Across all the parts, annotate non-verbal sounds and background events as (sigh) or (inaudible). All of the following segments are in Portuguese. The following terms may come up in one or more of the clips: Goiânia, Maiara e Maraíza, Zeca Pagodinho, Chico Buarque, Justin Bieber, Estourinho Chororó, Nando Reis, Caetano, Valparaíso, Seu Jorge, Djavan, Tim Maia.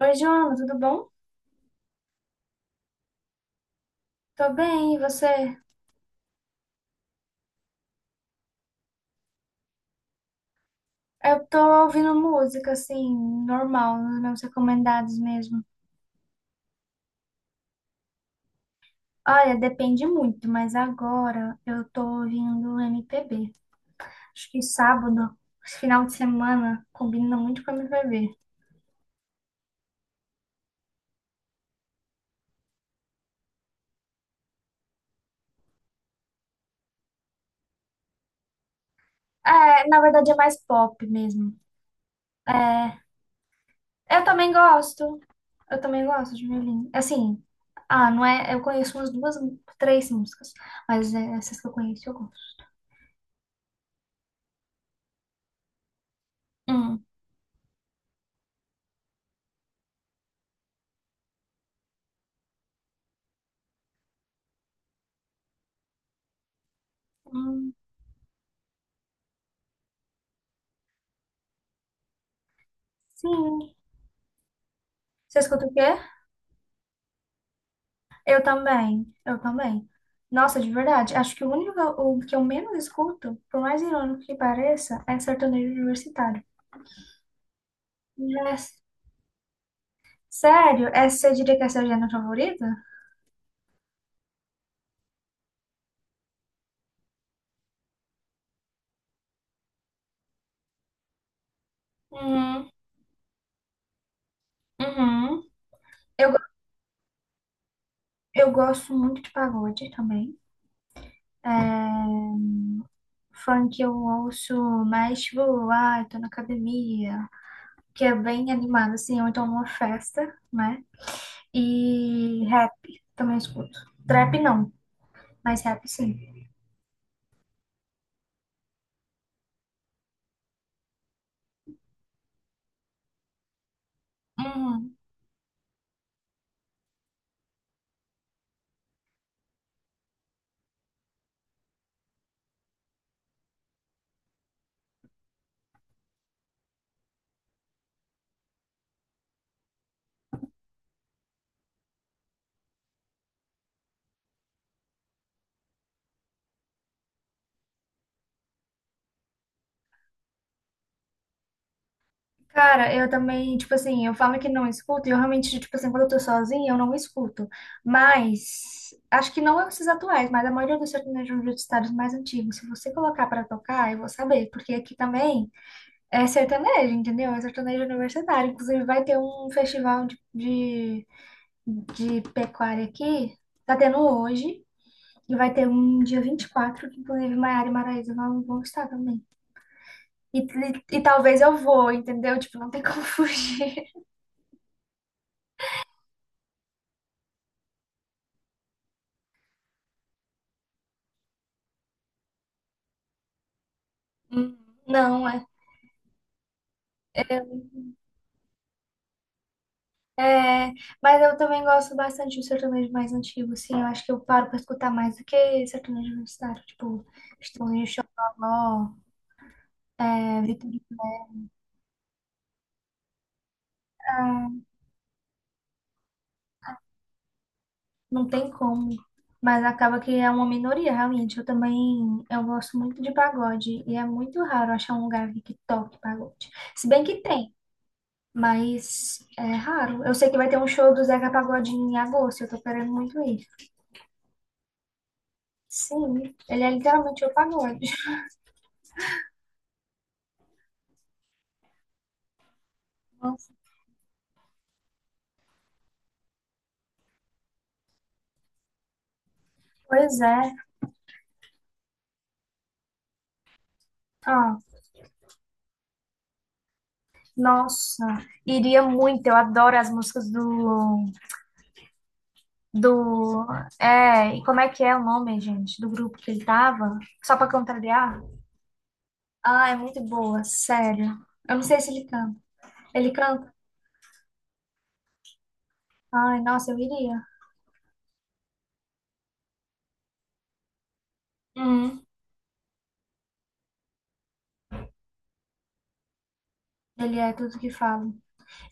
Oi, Joana, tudo bom? Tô bem, e você? Eu tô ouvindo música, assim, normal, nos meus recomendados mesmo. Olha, depende muito, mas agora eu tô ouvindo MPB. Acho que sábado, esse final de semana, combina muito com MPB. É, na verdade é mais pop mesmo. Eu também gosto, eu também gosto de violino. Assim, ah, não é, eu conheço umas duas, três músicas, mas é, essas que eu conheço eu gosto. Hum, hum, sim. Você escuta o quê? Eu também. Nossa, de verdade, acho que o único o que eu menos escuto, por mais irônico que pareça, é sertanejo universitário. Já- Sério? Essa você diria que é a seu gênero favorito? Uhum, uhum. Eu, eu gosto muito de pagode também. É, funk eu ouço mais, tipo, ai, tô na academia, que é bem animado, assim, ou então numa festa, né? E rap também escuto. Trap não, mas rap sim. Uhum. Cara, eu também, tipo assim, eu falo que não escuto, e eu realmente, tipo assim, quando eu tô sozinha, eu não escuto. Mas, acho que não é esses atuais, mas a maioria dos sertanejos universitários mais antigos, se você colocar pra tocar, eu vou saber, porque aqui também é sertanejo, entendeu? É sertanejo universitário. Inclusive, vai ter um festival de pecuária aqui, tá tendo hoje, e vai ter um dia 24, que inclusive Maiara e Maraíza vão estar também. E talvez eu vou, entendeu? Tipo, não tem como (laughs) fugir. Hum, Não, é. É, mas eu também gosto bastante do sertanejo mais antigo, assim, eu acho que eu paro pra escutar mais do que sertanejo universitário, tipo, Estourinho Chororó, é, Vitor, não tem como, mas acaba que é uma minoria, realmente, eu também, eu gosto muito de pagode, e é muito raro achar um lugar aqui que toque pagode, se bem que tem, mas é raro, eu sei que vai ter um show do Zeca Pagodinho em agosto, eu tô querendo muito ir, sim, ele é literalmente o pagode. (laughs) Nossa, pois é, ah, nossa, iria muito. Eu adoro as músicas do, é, e como é que é o nome, gente, do grupo que ele tava? Só pra contrariar? Ah, é muito boa, sério. Eu não sei se ele canta. Ele canta? Ai, nossa, eu iria. Uhum. Ele é tudo que falo.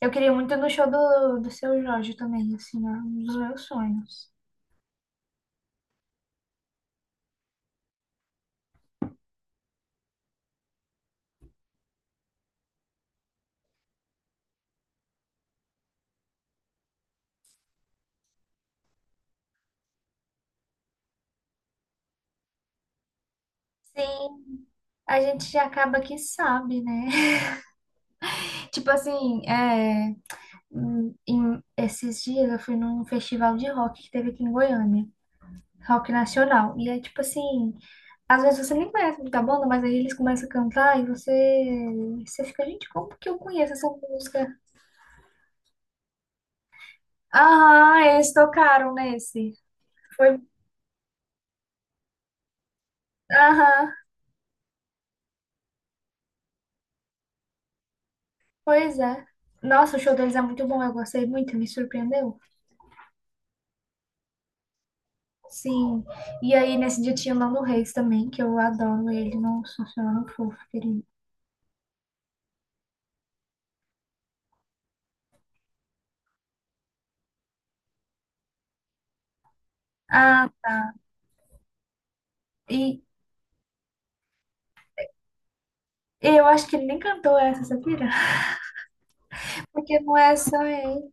Eu queria muito ir no show do Seu Jorge também, assim, é um dos meus sonhos. Sim, a gente acaba que sabe, né? (laughs) Tipo assim, é. Esses dias eu fui num festival de rock que teve aqui em Goiânia, rock nacional. E é tipo assim, às vezes você nem conhece muita banda, mas aí eles começam a cantar e você fica, gente, como que eu conheço essa música? Aham, eles tocaram nesse. Foi, aham, pois é. Nossa, o show deles é muito bom, eu gostei muito, me surpreendeu. Sim, e aí nesse dia tinha o Nando Reis também, que eu adoro ele, nossa senhora, é um fofo, querido. Ah, e eu acho que ele nem cantou essa, sabia? Porque não é só ele.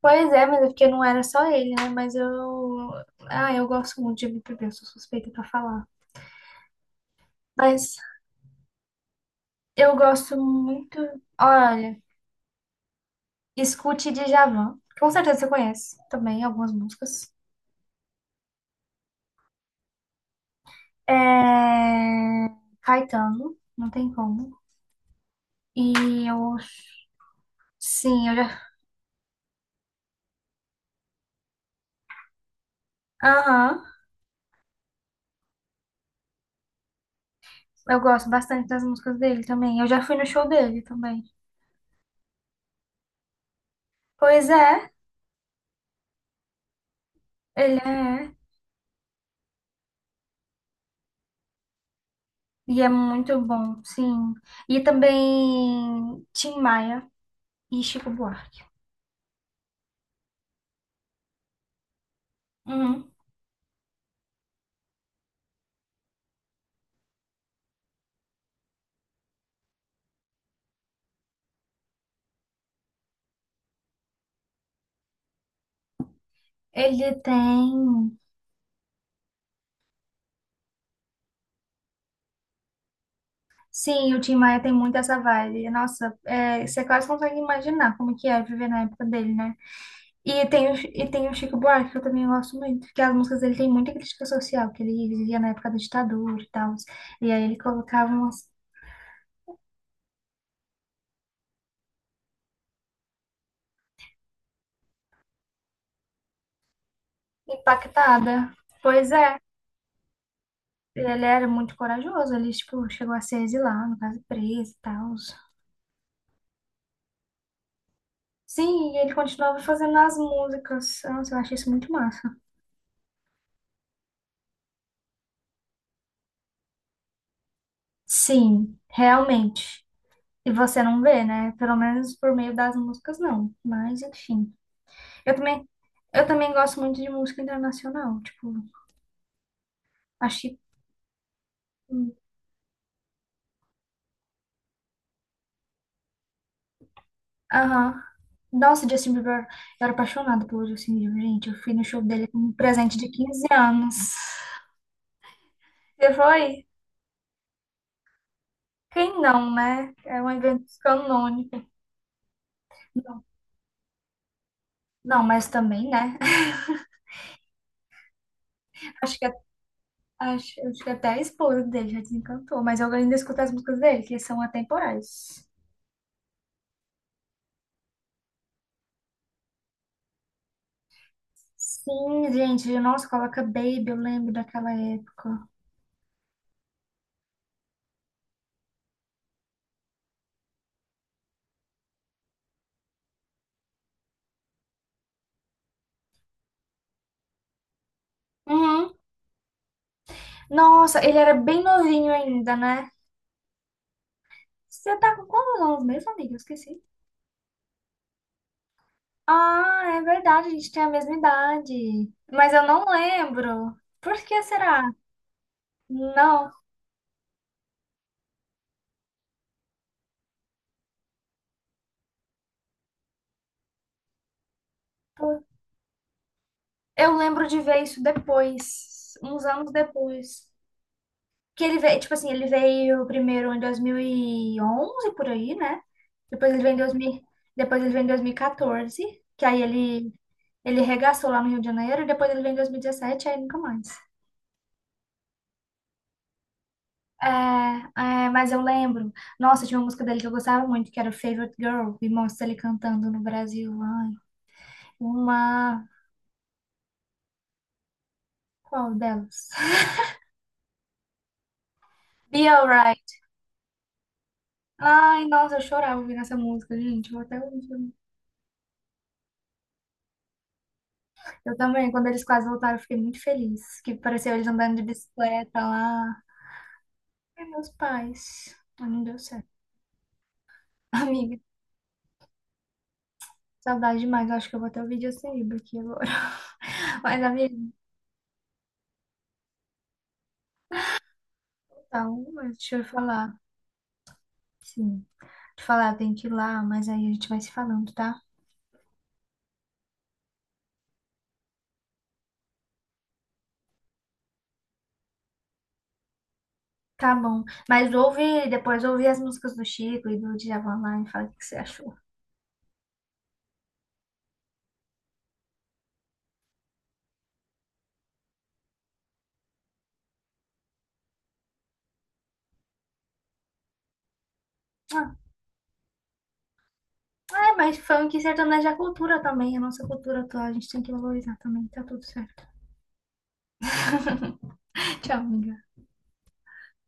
Pois é, mas é porque não era só ele, né? Mas eu. Ah, eu gosto muito de MPB, eu sou suspeita pra falar. Mas eu gosto muito. Olha, escute Djavan. Com certeza você conhece também algumas músicas. É... Caetano, não tem como. E eu. Sim, eu já. Aham, eu gosto bastante das músicas dele também. Eu já fui no show dele também. Pois é, ele é. E é muito bom, sim. E também Tim Maia e Chico Buarque. Uhum. Ele tem. Sim, o Tim Maia tem muito essa vibe. Nossa, é, você quase consegue imaginar como que é viver na época dele, né? E tem o Chico Buarque, que eu também gosto muito, que as músicas dele tem muita crítica social, que ele vivia na época da ditadura e tal. E aí ele colocava umas impactada. Pois é, ele era muito corajoso, ele, tipo, chegou a ser exilado, no caso, preso e tal. Sim, e ele continuava fazendo as músicas. Nossa, eu achei isso muito massa. Sim, realmente. E você não vê, né? Pelo menos por meio das músicas, não. Mas, enfim. Eu também, eu também gosto muito de música internacional. Tipo, achei. Hum, aham. Nossa, Justin Bieber, eu era apaixonada pelo Justin Bieber, gente. Eu fui no show dele com um presente de 15 anos. Você foi? Quem não, né? É um evento canônico. Não, não, mas também, né? (laughs) Acho que acho que até a esposa dele já desencantou, mas eu ainda escuto as músicas dele, que são atemporais. Sim, gente, nossa, coloca Baby, eu lembro daquela época. Uhum. Nossa, ele era bem novinho ainda, né? Você tá com quantos anos mesmo, amiga? Eu esqueci. Ah, é verdade, a gente tem a mesma idade. Mas eu não lembro. Por que será? Não, eu lembro de ver isso depois, uns anos depois. Que ele veio, tipo assim, ele veio primeiro em 2011, por aí, né? Depois ele veio em 2000, depois ele veio em 2014, que aí ele regaçou lá no Rio de Janeiro, e depois ele veio em 2017, aí nunca mais. É, é, mas eu lembro. Nossa, tinha uma música dele que eu gostava muito, que era Favorite Girl, e mostra ele cantando no Brasil. Ai, uma. Qual delas? (laughs) Be Alright. Ai, nossa, eu chorava ouvindo essa música, gente. Eu até hoje. Eu também, quando eles quase voltaram, eu fiquei muito feliz. Que pareceu eles andando de bicicleta lá. Ai, meus pais. Mas não deu certo. (laughs) Amiga, saudade demais. Eu acho que eu vou ter o vídeo sem livro aqui agora. (laughs) Mas, amiga, então, mas deixa eu falar. Sim. Te falar, tem que ir lá, mas aí a gente vai se falando, tá? Tá bom. Mas ouve, depois ouve as músicas do Chico e do Djavan lá e fala o que você achou. Ah, é, mas funk e sertanejo é cultura também. A nossa cultura atual, a gente tem que valorizar também. Tá tudo certo. (laughs) Tchau, amiga.